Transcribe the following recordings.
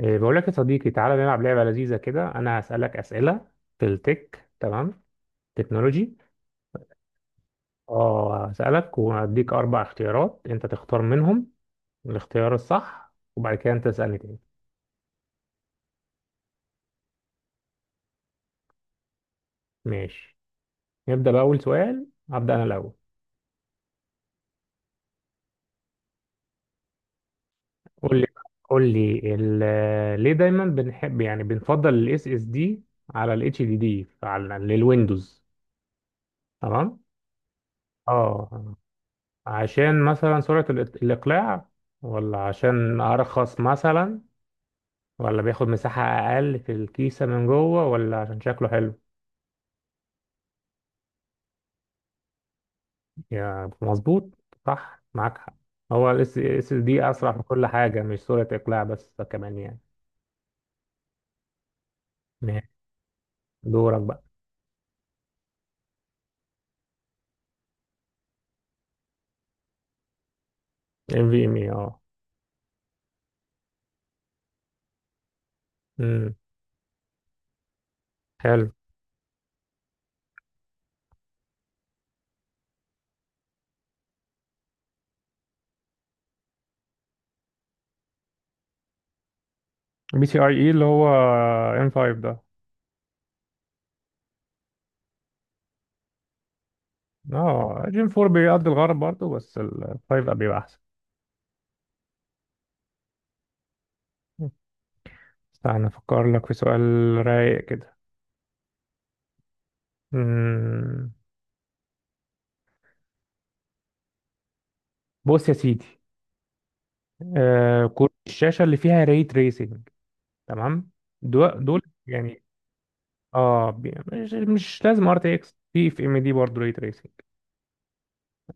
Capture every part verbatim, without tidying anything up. إيه، بقول لك يا صديقي، تعالى نلعب لعبة لذيذة كده. أنا هسألك أسئلة في التك، تمام؟ تكنولوجي. اه، هسألك وهديك أربع اختيارات، أنت تختار منهم الاختيار الصح، وبعد كده أنت تسألني تاني. ماشي، نبدأ بأول سؤال. هبدأ أنا الأول. قول لي، قول لي ال- آه، ليه دايما بنحب يعني بنفضل ال إس إس دي على ال إتش دي دي على للويندوز؟ تمام. اه، عشان مثلا سرعة الإت- الإقلاع، ولا عشان أرخص مثلا، ولا بياخد مساحة أقل في الكيسة من جوه، ولا عشان شكله حلو؟ يا مظبوط، صح، معاك حق. هو ال اس اس دي أسرع في كل حاجة، مش سرعة إقلاع بس، كمان يعني. ماشي، دورك بقى. ام في ام اي، اه. امم حلو. بي سي اي اي اللي هو ام خمسة ده؟ اه، جيم أربعة بيقضي الغرض برضه، بس ال خمسة بيبقى أحسن. استنى افكر لك في سؤال. رايق كده. امم بص يا سيدي، آه، كروت الشاشة اللي فيها ري تريسنج، تمام؟ دول دول يعني، اه بي... مش, مش لازم ار تي اكس، في في ام دي برضه ري تريسنج.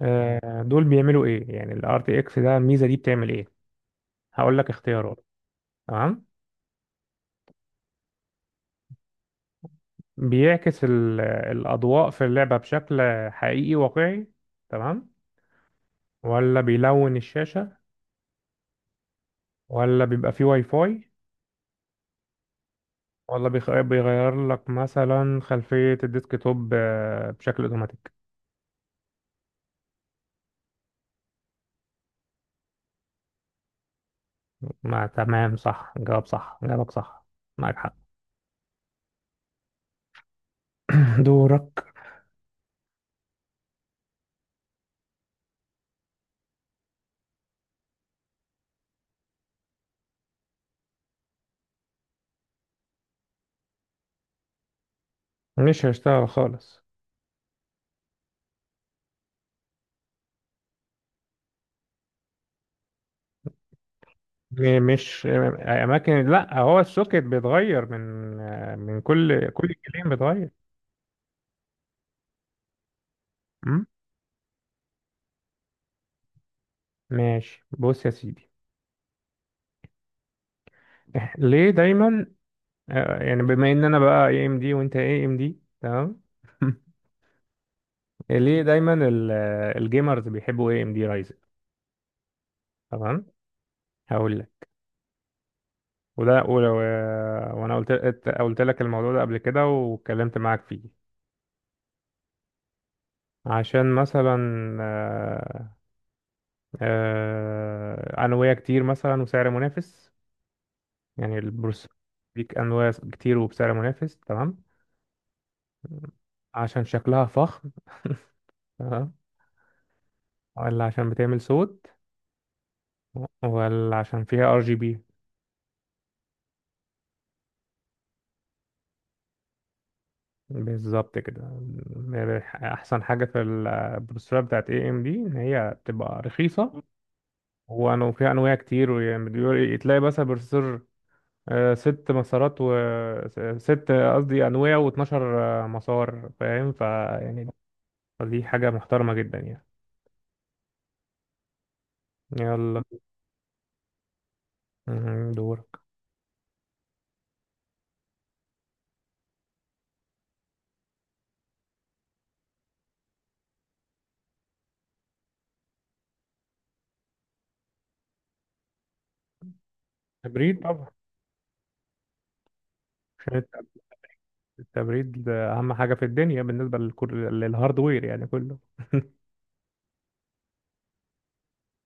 آه، دول بيعملوا ايه؟ يعني الار تي اكس ده، الميزه دي بتعمل ايه؟ هقول لك اختيارات. تمام. بيعكس ال... الاضواء في اللعبه بشكل حقيقي واقعي، تمام؟ ولا بيلون الشاشه؟ ولا بيبقى فيه واي فاي؟ ولا بيخ... بيغير لك مثلا خلفيه الديسك توب آه، بشكل اوتوماتيك؟ ما تمام، صح، جواب صح، جوابك صح، معاك حق. دورك. مش هيشتغل خالص. يعني مش اماكن، لا، هو السوكت بيتغير من من كل كل جيلين بيتغير. أم؟ ماشي، بص يا سيدي. إح- ليه دايما آه، يعني بما ان انا بقى اي ام دي وانت اي ام دي، تمام؟ ليه دايما ال- الجيمرز بيحبوا اي ام دي رايزن؟ تمام. هقول لك. وده ولو آه، وانا قلت قلت قلت لك الموضوع ده قبل كده واتكلمت معاك فيه. عشان مثلا، آه، آه، أنوية كتير مثلا وسعر منافس، يعني البروسيسور ليك أنواع كتير وبسعر منافس، تمام؟ عشان شكلها فخم، تمام؟ ولا عشان بتعمل صوت؟ ولا عشان فيها ار جي بي؟ بالظبط كده. احسن حاجه في البروسيسورات بتاعت اي ام دي ان هي بتبقى رخيصه، وأنا- وفيها انواع كتير، ويعني تلاقي مثلا بروسيسور آه، ست مسارات، و ست قصدي انويه و12 مسار، فاهم؟ فيعني فدي حاجة محترمة جدا يعني. يلا. مهم. دورك. تبريد طبعا. عشان الت- التبريد ده أهم حاجة في الدنيا بالنسبة للكل... للهاردوير يعني كله.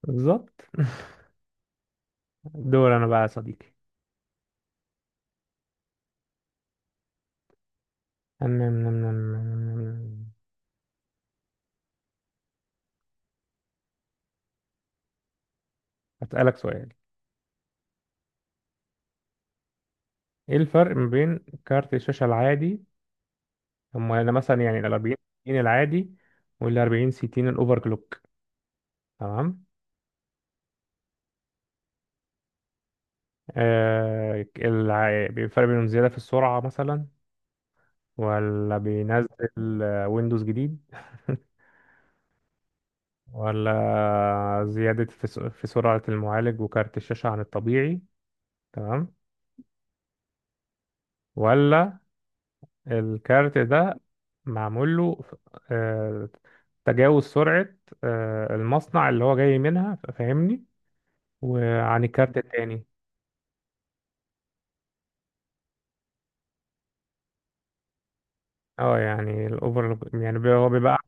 بالظبط. دور أنا بقى يا صديقي. أم- أم- أم- أم- هسألك سؤال. إيه الفرق ما بين كارت الشاشة العادي، هم أنا مثلا يعني ال أربعين ستين العادي، وال أربعين ستين الأوفر كلوك، تمام؟ آه الع- الفرق بينهم زيادة في السرعة مثلا، ولا بينزل آه، ويندوز جديد؟ ولا زيادة في س- في سرعة المعالج وكارت الشاشة عن الطبيعي، تمام؟ ولا الكارت ده معمول له آه، تجاوز سرعة آه، المصنع اللي هو جاي منها، ف- فاهمني، وعن الكارت التاني؟ اه يعني الاوفر يعني بي- هو بيبقى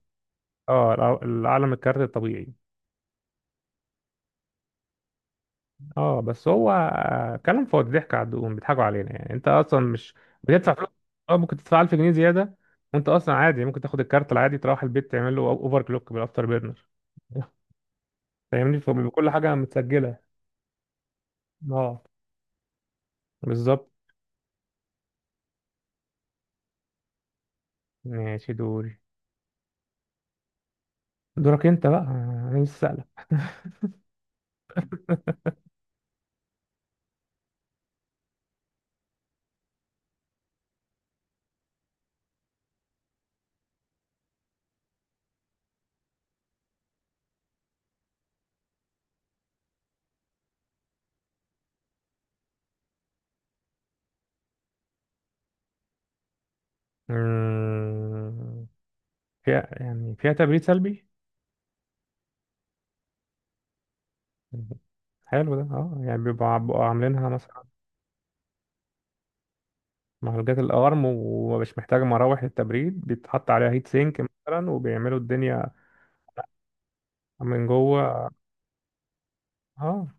اه الأع- الأعلى من الكارت الطبيعي. اه بس هو آه، كلام فاضي، ضحك على الدقون، بيضحكوا علينا، يعني انت اصلا مش بتدفع فلوس. اه ممكن تدفع ألف جنيه زياده، وانت اصلا عادي ممكن تاخد الكارت العادي تروح البيت تعمل له اوفر كلوك بالافتر بيرنر، فاهمني؟ فبيبقى كل حاجه متسجله. اه، بالظبط. ماشي دوري. دورك انت بقى، انا لسه سألك. مم، فيها يعني فيها تبريد سلبي. مم. حلو ده. اه يعني بيبقوا بيبقوا عاملينها مثلا معالجات الأرم ومش محتاج مراوح للتبريد، بيتحط عليها هيت سينك مثلا وبيعملوا الدنيا من جوه. اه،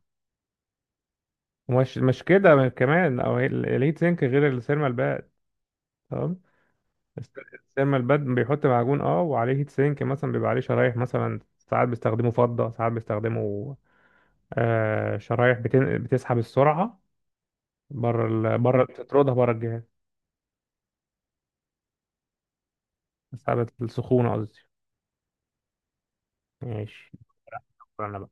ومش مش كده كمان، أو هي- الهيت سينك غير السيرمال باد، تمام؟ الس- السيرمال باد بيحط معجون اه وعليه هيت سينك، مثلا بيبقى عليه شرايح، مثلا ساعات بيستخدموا فضة، ساعات بيستخدموا آه شرايح بتن... بتسحب السرعة بره ال... بره، تطردها بره الجهاز. بتسحب السخونة قصدي. ماشي. دور أنا بقى.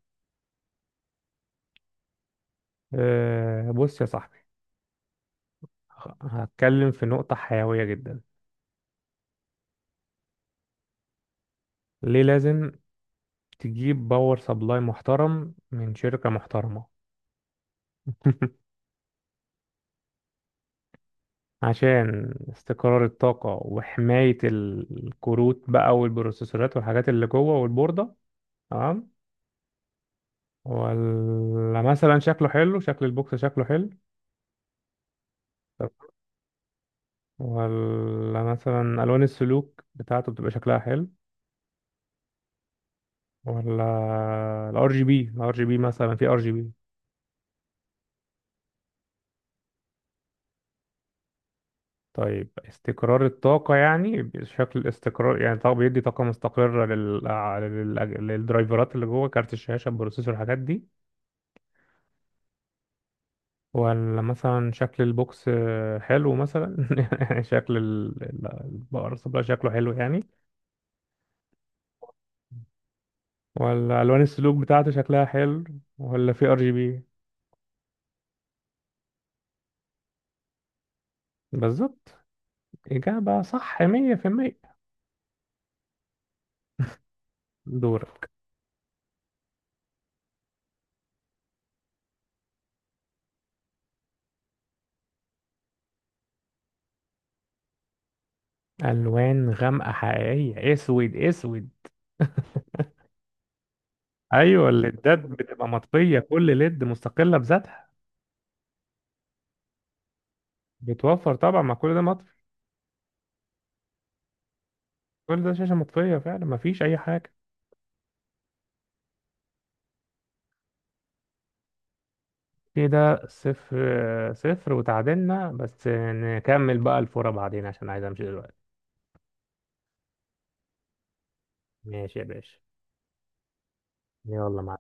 آه بص يا صاحبي، هتكلم في نقطة حيوية جدا. ليه لازم تجيب باور سبلاي محترم من شركة محترمة؟ عشان استقرار الطاقة، وحماية ال- الكروت بقى والبروسيسورات والحاجات اللي جوه والبوردة، تمام؟ ولا مثلا شكله حلو، شكل البوكس شكله حلو؟ طب ولا مثلا ألوان السلوك بتاعته بتبقى شكلها حلو؟ ولا الار جي بي الار جي بي مثلا، في ار جي بي؟ طيب، استقرار الطاقة يعني شكل استقرار، يعني طب بيدي طاقة مستقرة لل... لل... للدرايفرات اللي جوه كارت الشاشة، البروسيسور، الحاجات دي. ولا مثلا شكل البوكس آه، حلو مثلا؟ شكل ال- ال- الباور سبلاي شكله حلو يعني؟ ولا ألوان السلوك بتاعته شكلها حلو؟ ولا في ار جي بي؟ بالظبط، إجابة صح مية بالمية. دورك. ألوان غامقة حقيقية، أسود أسود. ايوه الليدات بتبقى مطفيه، كل ليد مستقله بذاتها. بتوفر طبعا، ما كل ده مطفي. كل ده شاشة مطفية فعلا، ما فيش أي حاجة. كده صفر صفر، وتعادلنا، بس نكمل بقى الفورة بعدين عشان عايز أمشي دلوقتي. ماشي يا باشا. يلا، مع